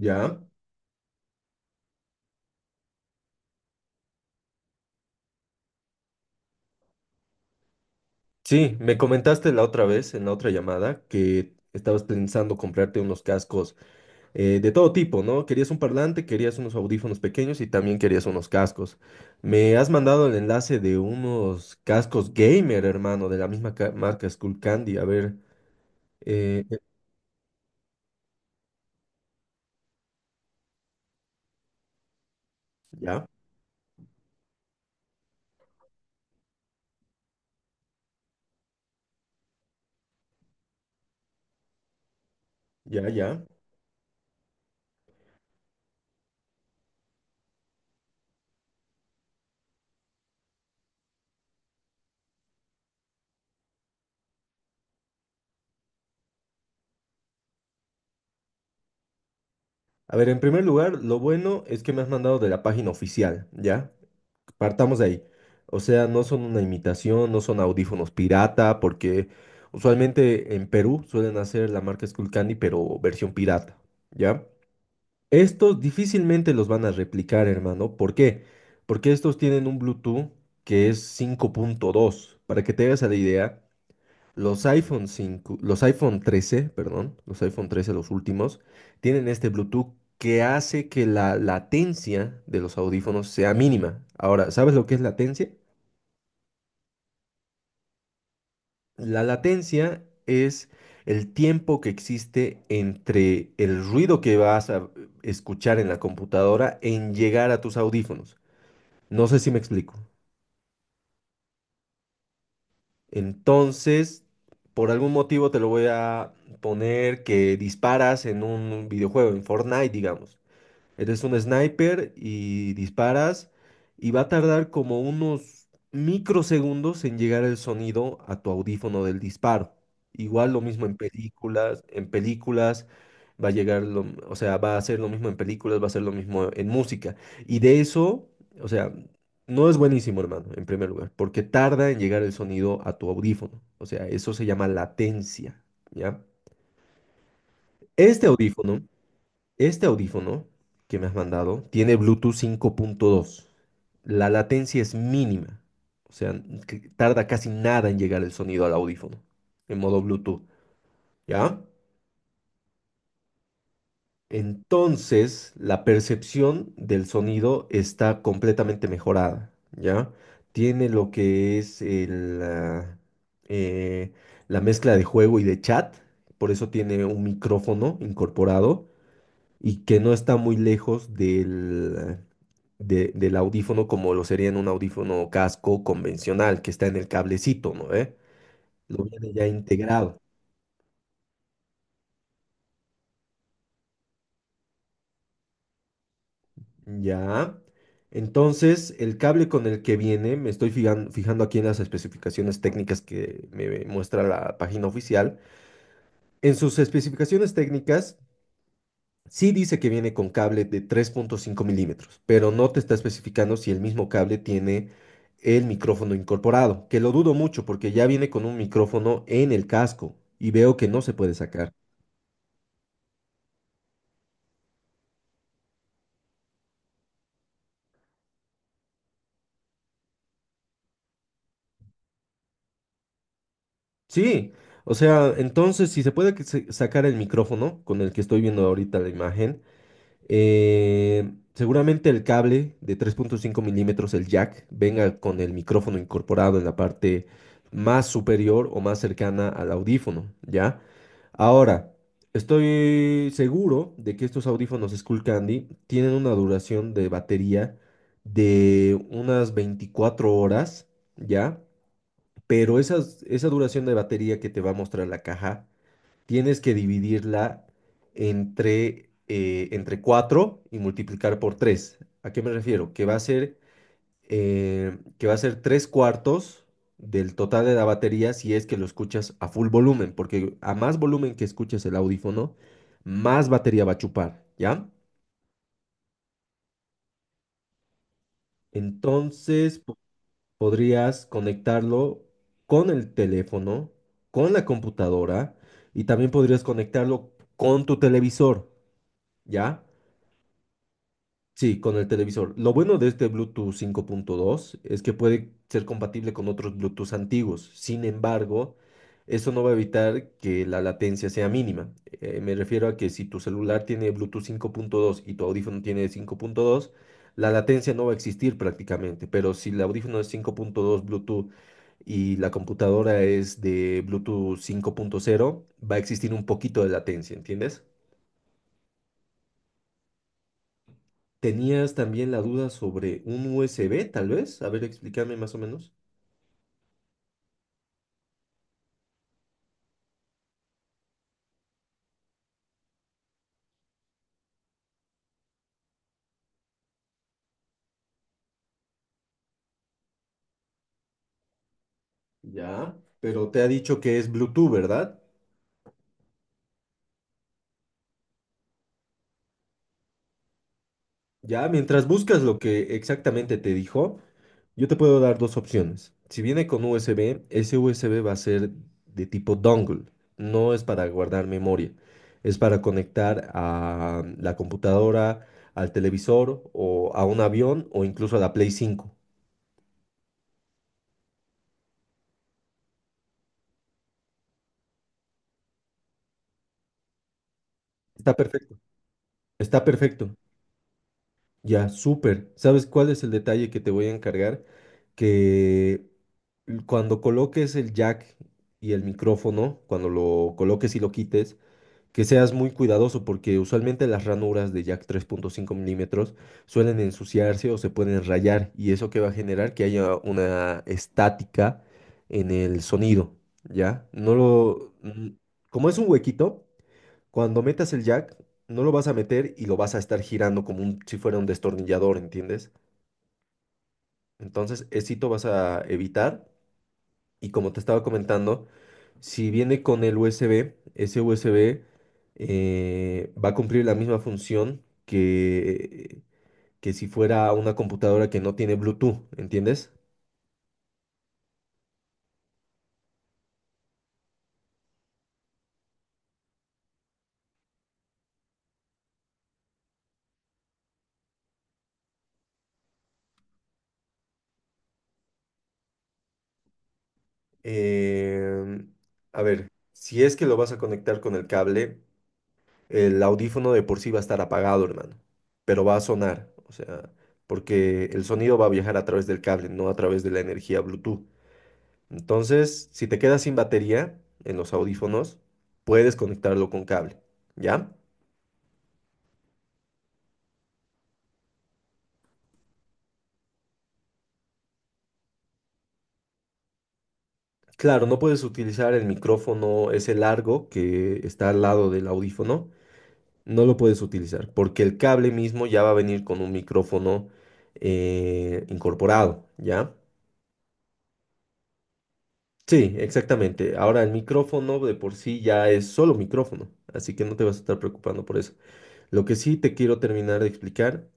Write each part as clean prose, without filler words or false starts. Ya. Sí, me comentaste la otra vez, en la otra llamada, que estabas pensando comprarte unos cascos de todo tipo, ¿no? Querías un parlante, querías unos audífonos pequeños y también querías unos cascos. Me has mandado el enlace de unos cascos gamer, hermano, de la misma marca Skullcandy. A ver, eh, eh, ya, ya, ya. A ver, en primer lugar, lo bueno es que me has mandado de la página oficial, ¿ya? Partamos de ahí. O sea, no son una imitación, no son audífonos pirata, porque usualmente en Perú suelen hacer la marca Skullcandy, pero versión pirata, ¿ya? Estos difícilmente los van a replicar, hermano. ¿Por qué? Porque estos tienen un Bluetooth que es cinco punto dos. Para que te hagas a la idea, los iPhone cinco, los iPhone trece, los últimos, tienen este Bluetooth que hace que la latencia de los audífonos sea mínima. Ahora, ¿sabes lo que es latencia? La latencia es el tiempo que existe entre el ruido que vas a escuchar en la computadora en llegar a tus audífonos. No sé si me explico. Entonces, por algún motivo te lo voy a poner que disparas en un videojuego, en Fortnite, digamos. Eres un sniper y disparas y va a tardar como unos microsegundos en llegar el sonido a tu audífono del disparo. Igual lo mismo en películas va a llegar o sea, va a ser lo mismo en películas, va a ser lo mismo en música. Y de eso, o sea, no es buenísimo, hermano, en primer lugar, porque tarda en llegar el sonido a tu audífono. O sea, eso se llama latencia, ¿ya? Este audífono este audífono que me has mandado tiene Bluetooth cinco punto dos. La latencia es mínima. O sea, que tarda casi nada en llegar el sonido al audífono en modo Bluetooth, ¿ya? Entonces, la percepción del sonido está completamente mejorada, ¿ya? Tiene lo que es eh, la mezcla de juego y de chat, por eso tiene un micrófono incorporado y que no está muy lejos del audífono como lo sería en un audífono casco convencional que está en el cablecito, ¿no? ¿Eh? Lo viene ya integrado. Ya. Entonces, el cable con el que viene, me estoy fijando aquí en las especificaciones técnicas que me muestra la página oficial. En sus especificaciones técnicas sí dice que viene con cable de 3.5 milímetros, pero no te está especificando si el mismo cable tiene el micrófono incorporado, que lo dudo mucho porque ya viene con un micrófono en el casco y veo que no se puede sacar. Sí, o sea, entonces si se puede sacar el micrófono con el que estoy viendo ahorita la imagen, seguramente el cable de 3.5 milímetros, el jack, venga con el micrófono incorporado en la parte más superior o más cercana al audífono, ¿ya? Ahora, estoy seguro de que estos audífonos Skullcandy tienen una duración de batería de unas 24 horas, ¿ya? Pero esa duración de batería que te va a mostrar la caja tienes que dividirla entre, entre 4 y multiplicar por 3. ¿A qué me refiero? Que va a ser, que va a ser 3 cuartos del total de la batería si es que lo escuchas a full volumen, porque a más volumen que escuches el audífono, más batería va a chupar, ¿ya? Entonces po- Podrías conectarlo con el teléfono, con la computadora y también podrías conectarlo con tu televisor, ¿ya? Sí, con el televisor. Lo bueno de este Bluetooth 5.2 es que puede ser compatible con otros Bluetooth antiguos. Sin embargo, eso no va a evitar que la latencia sea mínima. Me refiero a que si tu celular tiene Bluetooth 5.2 y tu audífono tiene 5.2, la latencia no va a existir prácticamente. Pero si el audífono es 5.2 Bluetooth y la computadora es de Bluetooth 5.0, va a existir un poquito de latencia, ¿entiendes? Tenías también la duda sobre un USB, tal vez. A ver, explícame más o menos. Ya, pero te ha dicho que es Bluetooth, ¿verdad? Ya, mientras buscas lo que exactamente te dijo, yo te puedo dar dos opciones. Si viene con USB, ese USB va a ser de tipo dongle. No es para guardar memoria. Es para conectar a la computadora, al televisor o a un avión o incluso a la Play cinco. Está perfecto. Está perfecto. Ya, súper. ¿Sabes cuál es el detalle que te voy a encargar? Que cuando coloques el jack y el micrófono, cuando lo coloques y lo quites, que seas muy cuidadoso porque usualmente las ranuras de jack tres punto cinco milímetros suelen ensuciarse o se pueden rayar y eso que va a generar que haya una estática en el sonido, ¿ya? No lo... como es un huequito. Cuando metas el jack, no lo vas a meter y lo vas a estar girando como si fuera un destornillador, ¿entiendes? Entonces, esito vas a evitar. Y como te estaba comentando, si viene con el USB, ese USB va a cumplir la misma función que si fuera una computadora que no tiene Bluetooth, ¿entiendes? Em, a ver, si es que lo vas a conectar con el cable. El audífono de por sí va a estar apagado, hermano, pero va a sonar, o sea, porque el sonido va a viajar a través del cable, no a través de la energía Bluetooth. Entonces, si te quedas sin batería en los audífonos, puedes conectarlo con cable, ¿ya? Claro, no puedes utilizar el micrófono ese largo que está al lado del audífono, no lo puedes utilizar, porque el cable mismo ya va a venir con un micrófono incorporado, ¿ya? Sí, exactamente. Ahora el micrófono de por sí ya es solo micrófono, así que no te vas a estar preocupando por eso. Lo que sí te quiero terminar de explicar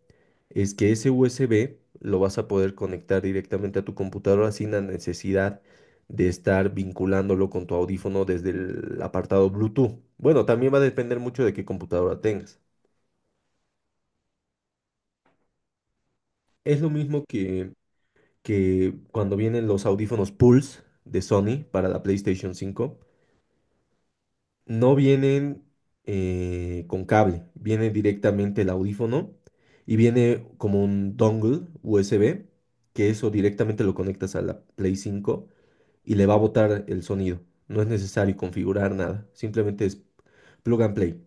es que ese USB lo vas a poder conectar directamente a tu computadora sin la necesidad de estar vinculándolo con tu audífono desde el apartado Bluetooth. Bueno, también va a depender mucho de qué computadora tengas. Es lo mismo que cuando vienen los audífonos Pulse de Sony para la PlayStation 5. No vienen con cable, viene directamente el audífono y viene como un dongle USB, que eso directamente lo conectas a la Play 5 y le va a botar el sonido. No es necesario configurar nada, simplemente es plug and play.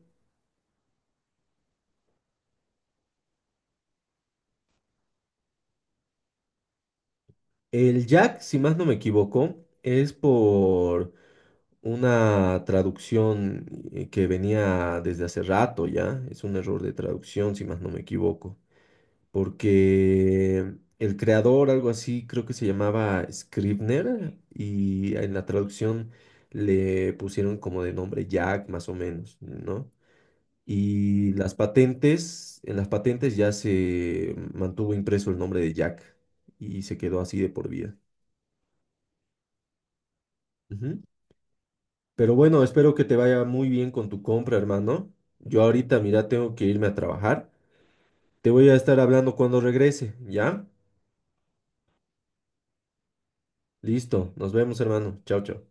El jack, si más no me equivoco, es por una traducción que venía desde hace rato ya, es un error de traducción, si más no me equivoco. Porque el creador, algo así, creo que se llamaba Scribner, y en la traducción le pusieron como de nombre Jack, más o menos, ¿no? Y las patentes, en las patentes ya se mantuvo impreso el nombre de Jack y se quedó así de por vida. Ujú. Pero bueno, espero que te vaya muy bien con tu compra, hermano. Yo ahorita, mira, tengo que irme a trabajar. Te voy a estar hablando cuando regrese, ¿ya? Listo, nos vemos, hermano. Chao, chao.